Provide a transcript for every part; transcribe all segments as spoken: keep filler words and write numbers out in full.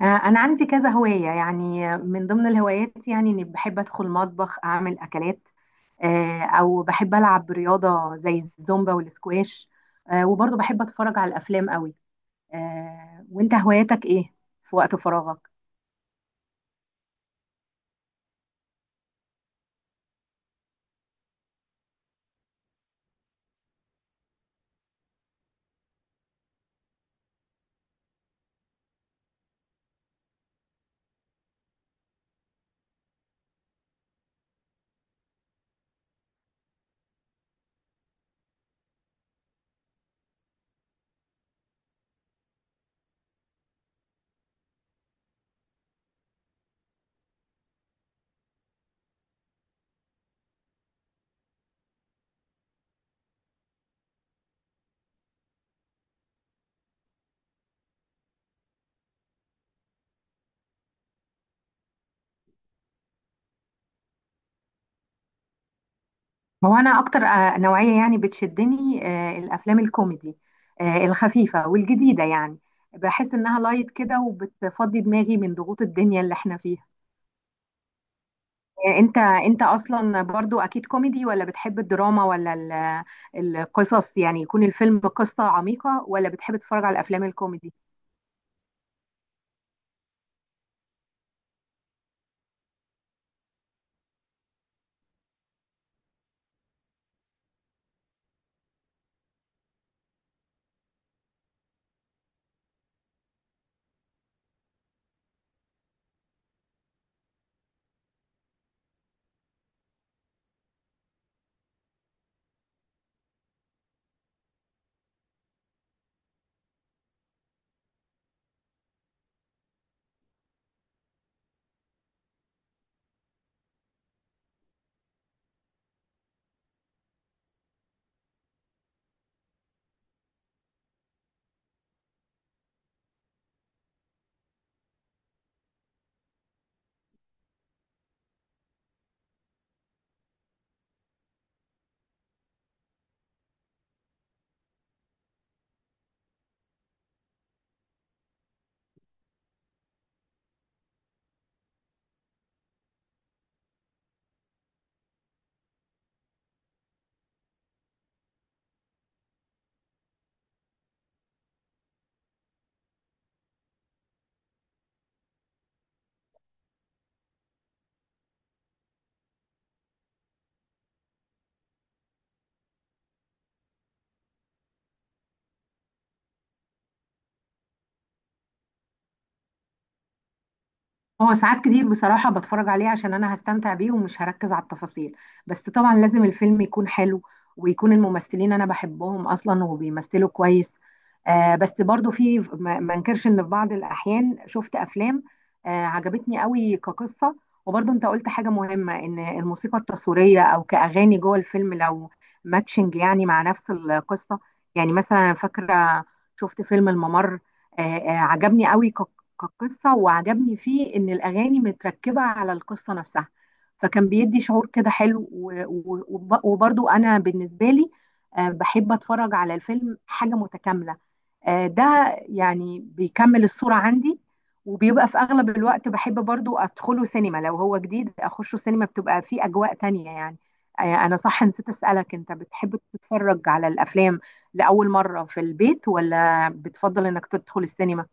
آه، أنا عندي كذا هواية، يعني من ضمن الهوايات يعني إني بحب أدخل مطبخ أعمل أكلات. آه، أو بحب ألعب رياضة زي الزومبا والسكواش. آه، وبرضه بحب أتفرج على الأفلام قوي. آه، وأنت هواياتك إيه في وقت فراغك؟ هو أنا أكتر آه، نوعية يعني بتشدني آه، الأفلام الكوميدي، آه، الخفيفة والجديدة يعني. بحس إنها لايت كده وبتفضي دماغي من ضغوط الدنيا اللي إحنا فيها. انت انت اصلا برضو اكيد كوميدي، ولا بتحب الدراما، ولا ال- القصص؟ يعني يكون الفيلم قصة عميقة، ولا بتحب تتفرج على الافلام الكوميدي؟ هو ساعات كتير بصراحة بتفرج عليه عشان أنا هستمتع بيه ومش هركز على التفاصيل. بس طبعا لازم الفيلم يكون حلو، ويكون الممثلين أنا بحبهم أصلا وبيمثلوا كويس. آه، بس برضو في ما ما انكرش إن في بعض الأحيان شفت أفلام آه عجبتني قوي كقصة. وبرضو أنت قلت حاجة مهمة، إن الموسيقى التصويرية أو كأغاني جوه الفيلم لو ماتشنج يعني مع نفس القصة. يعني مثلا أنا فاكرة شفت فيلم الممر، آه آه عجبني قوي كقصة، وعجبني فيه إن الأغاني متركبة على القصة نفسها. فكان بيدي شعور كده حلو و- و- وب- وبرضو أنا بالنسبة لي آه، بحب أتفرج على الفيلم حاجة متكاملة. آه، ده يعني بيكمل الصورة عندي. وبيبقى في أغلب الوقت بحب برضو أدخله سينما، لو هو جديد أخشه سينما، بتبقى فيه أجواء تانية يعني. آه، أنا صح نسيت أسألك، أنت بتحب تتفرج على الأفلام لأول مرة في البيت، ولا بتفضل إنك تدخل السينما؟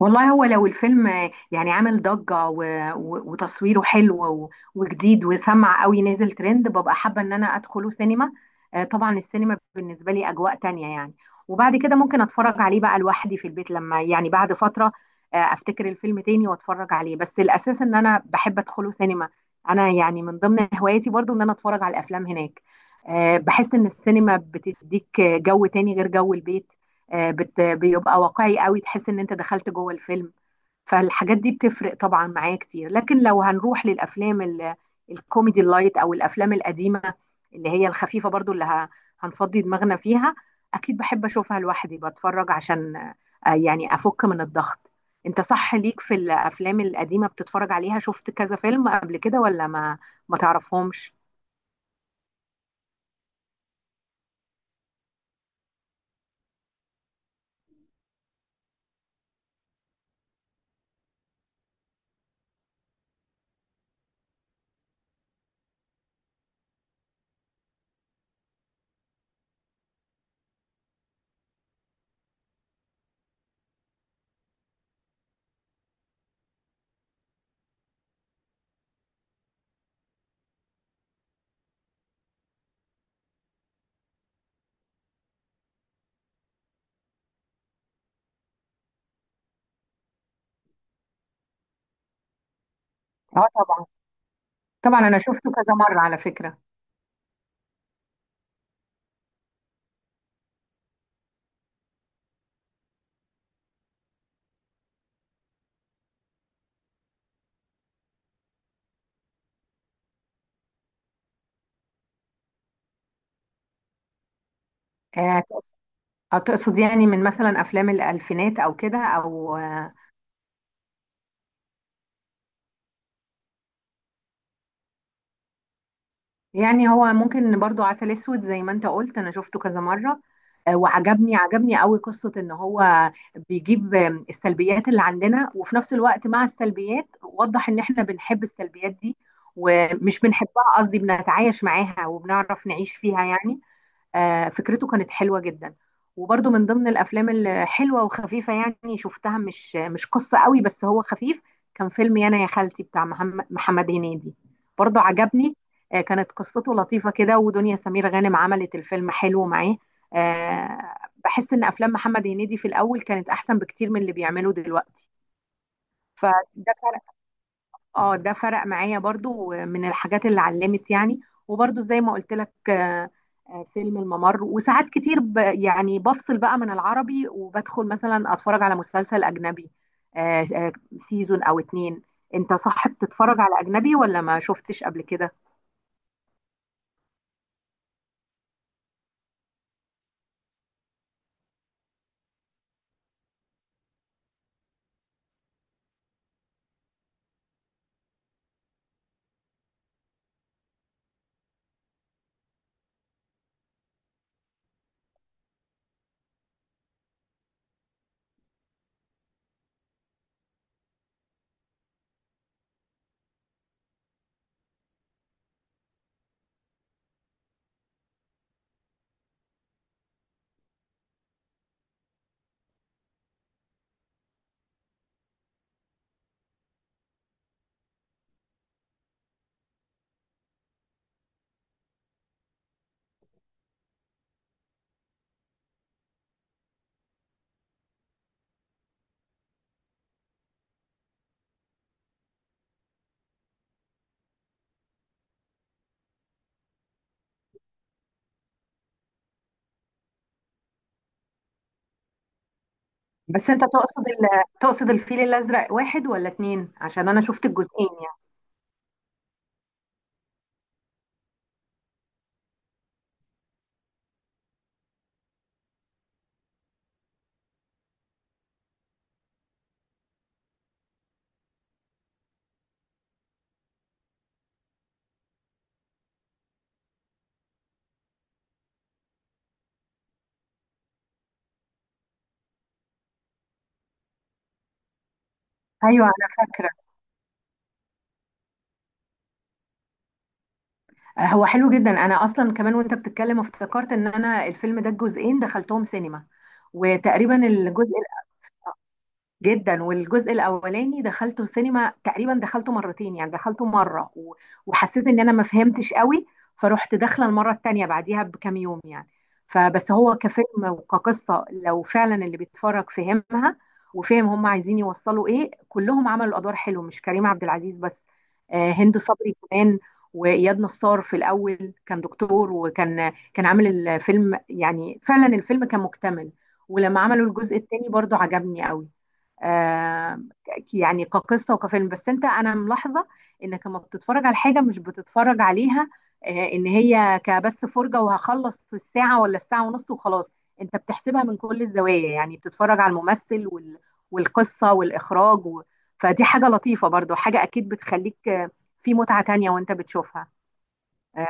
والله هو لو الفيلم يعني عامل ضجة و... و... وتصويره حلو و... وجديد وسمع قوي نزل ترند، ببقى حابة ان انا ادخله سينما. آه، طبعا السينما بالنسبة لي اجواء تانية يعني. وبعد كده ممكن اتفرج عليه بقى لوحدي في البيت، لما يعني بعد فترة آه، افتكر الفيلم تاني واتفرج عليه، بس الاساس ان انا بحب ادخله سينما. انا يعني من ضمن هواياتي برضو ان انا اتفرج على الافلام هناك. آه، بحس ان السينما بتديك جو تاني غير جو البيت. آه، بت- بيبقى واقعي قوي، تحس ان انت دخلت جوه الفيلم. فالحاجات دي بتفرق طبعا معايا كتير. لكن لو هنروح للافلام ال- الكوميدي اللايت، او الافلام القديمه اللي هي الخفيفه برضو، اللي ه- هنفضي دماغنا فيها، اكيد بحب اشوفها لوحدي بتفرج، عشان آه، يعني افك من الضغط. انت صح ليك في الافلام القديمه بتتفرج عليها؟ شفت كذا فيلم قبل كده، ولا ما ما تعرفهمش؟ اه طبعا. طبعا انا شفته كذا مره على فكره. آه، هتقصد يعني من مثلا افلام الالفينات او كده، او آه، يعني هو ممكن برضو عسل اسود زي ما انت قلت، انا شفته كذا مره. آه، وعجبني عجبني قوي قصه ان هو بيجيب آم، السلبيات اللي عندنا، وفي نفس الوقت مع السلبيات وضح ان احنا بنحب السلبيات دي، ومش بنحبها، قصدي بنتعايش معاها وبنعرف نعيش فيها يعني. آه، فكرته كانت حلوة جدا. وبرده من ضمن الأفلام الحلوة وخفيفة، يعني شفتها مش مش قصة قوي، بس هو خفيف، كان فيلم يانا يا خالتي بتاع مهم- محمد هنيدي. برضه عجبني. آه، كانت قصته لطيفة كده، ودنيا سمير غانم عملت الفيلم حلو معاه. آه، بحس إن أفلام محمد هنيدي في الأول كانت أحسن بكتير من اللي بيعمله دلوقتي. فده اه ده فرق معايا برضو من الحاجات اللي علمت يعني. وبرضو زي ما قلت لك، آه، آه، فيلم الممر. وساعات كتير ب يعني بفصل بقى من العربي، وبدخل مثلا اتفرج على مسلسل اجنبي، آه، آه، سيزون او اتنين. انت صح بتتفرج على اجنبي، ولا ما شفتش قبل كده؟ بس انت تقصد ال... تقصد الفيل الازرق واحد ولا اتنين؟ عشان انا شفت الجزئين يعني. ايوه انا فاكره. هو حلو جدا. انا اصلا كمان وانت بتتكلم افتكرت ان انا الفيلم ده الجزئين دخلتهم سينما، وتقريبا الجزء جدا. والجزء الاولاني دخلته السينما، تقريبا دخلته مرتين، يعني دخلته مره و- وحسيت ان انا ما فهمتش قوي، فروحت داخله المره التانيه بعديها بكام يوم يعني. فبس هو كفيلم وكقصه، لو فعلا اللي بيتفرج فهمها وفهم هم عايزين يوصلوا ايه، كلهم عملوا ادوار حلوه، مش كريم عبد العزيز بس، آه، هند صبري كمان، واياد نصار في الاول كان دكتور، وكان كان عامل الفيلم، يعني فعلا الفيلم كان مكتمل. ولما عملوا الجزء التاني برضو عجبني قوي. آم، ك- يعني كقصة وكفيلم. بس انت، انا ملاحظة انك لما بتتفرج على حاجة مش بتتفرج عليها آه، ان هي كبس فرجة وهخلص الساعة ولا الساعة ونص وخلاص، انت بتحسبها من كل الزوايا، يعني بتتفرج على الممثل وال- والقصة والاخراج و... فدي حاجة لطيفة برضو، حاجة اكيد بتخليك آه، في متعة تانية وانت بتشوفها. آه،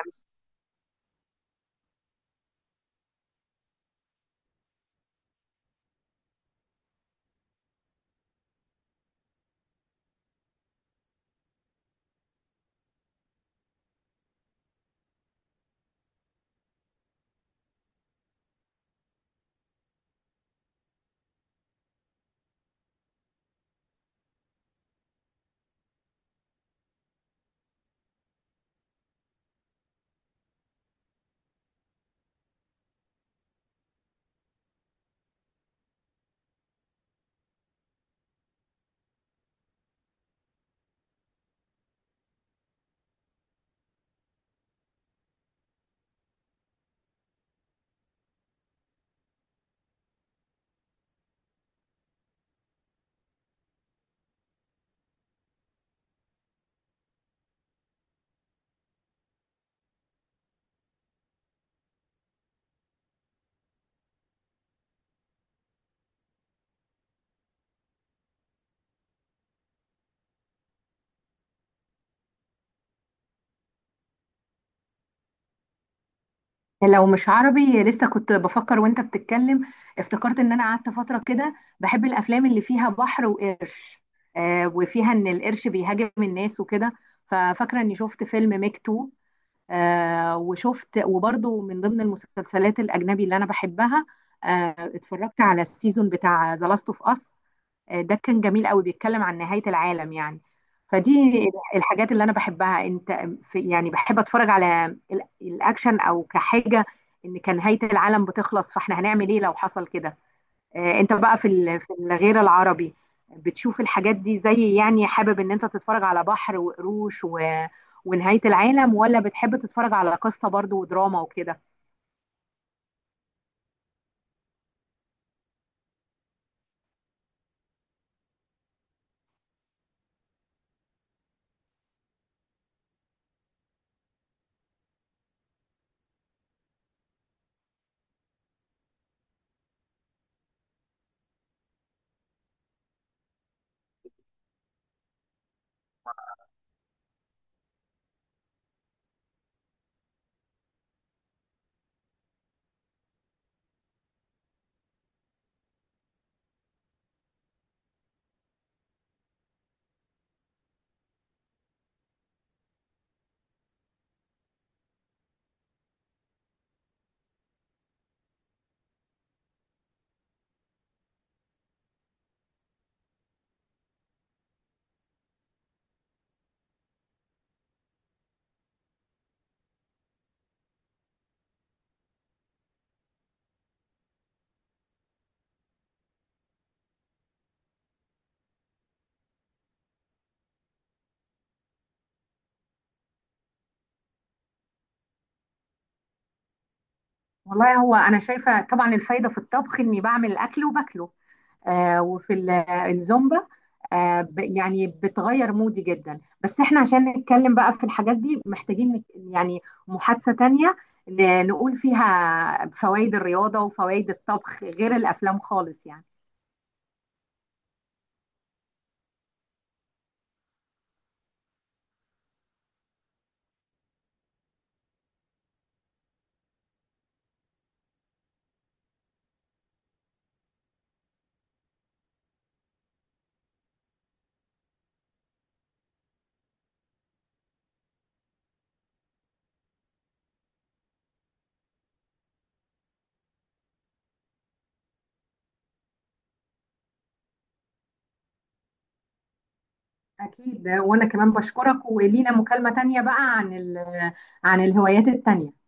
لو مش عربي، لسه كنت بفكر وانت بتتكلم، افتكرت ان انا قعدت فترة كده بحب الافلام اللي فيها بحر وقرش، آه، وفيها ان القرش بيهاجم الناس وكده. ففاكرة اني شفت فيلم ميك اتنين آه، وشفت، وبرضو من ضمن المسلسلات الاجنبي اللي انا بحبها، آه اتفرجت على السيزون بتاع ذا لاست اوف اس. آه، ده كان جميل قوي، بيتكلم عن نهاية العالم يعني. فدي الحاجات اللي انا بحبها. انت في يعني بحب اتفرج على ال- الاكشن او كحاجة، ان كان نهاية العالم بتخلص فاحنا هنعمل ايه لو حصل كده؟ آه، انت بقى في ال- في الغير العربي بتشوف الحاجات دي؟ زي يعني حابب ان انت تتفرج على بحر وقروش و... ونهاية العالم، ولا بتحب تتفرج على قصة برضو ودراما وكده؟ والله هو انا شايفة طبعا الفايدة في الطبخ اني بعمل الاكل وباكله، آه، وفي ال- الزومبا آه، ب- يعني بتغير مودي جدا. بس احنا عشان نتكلم بقى في الحاجات دي محتاجين نك- يعني محادثة تانية ن- نقول فيها فوائد الرياضة وفوائد الطبخ غير الأفلام خالص يعني. أكيد، وأنا كمان بشكرك، ولينا مكالمة تانية بقى عن ال- عن الهوايات التانية.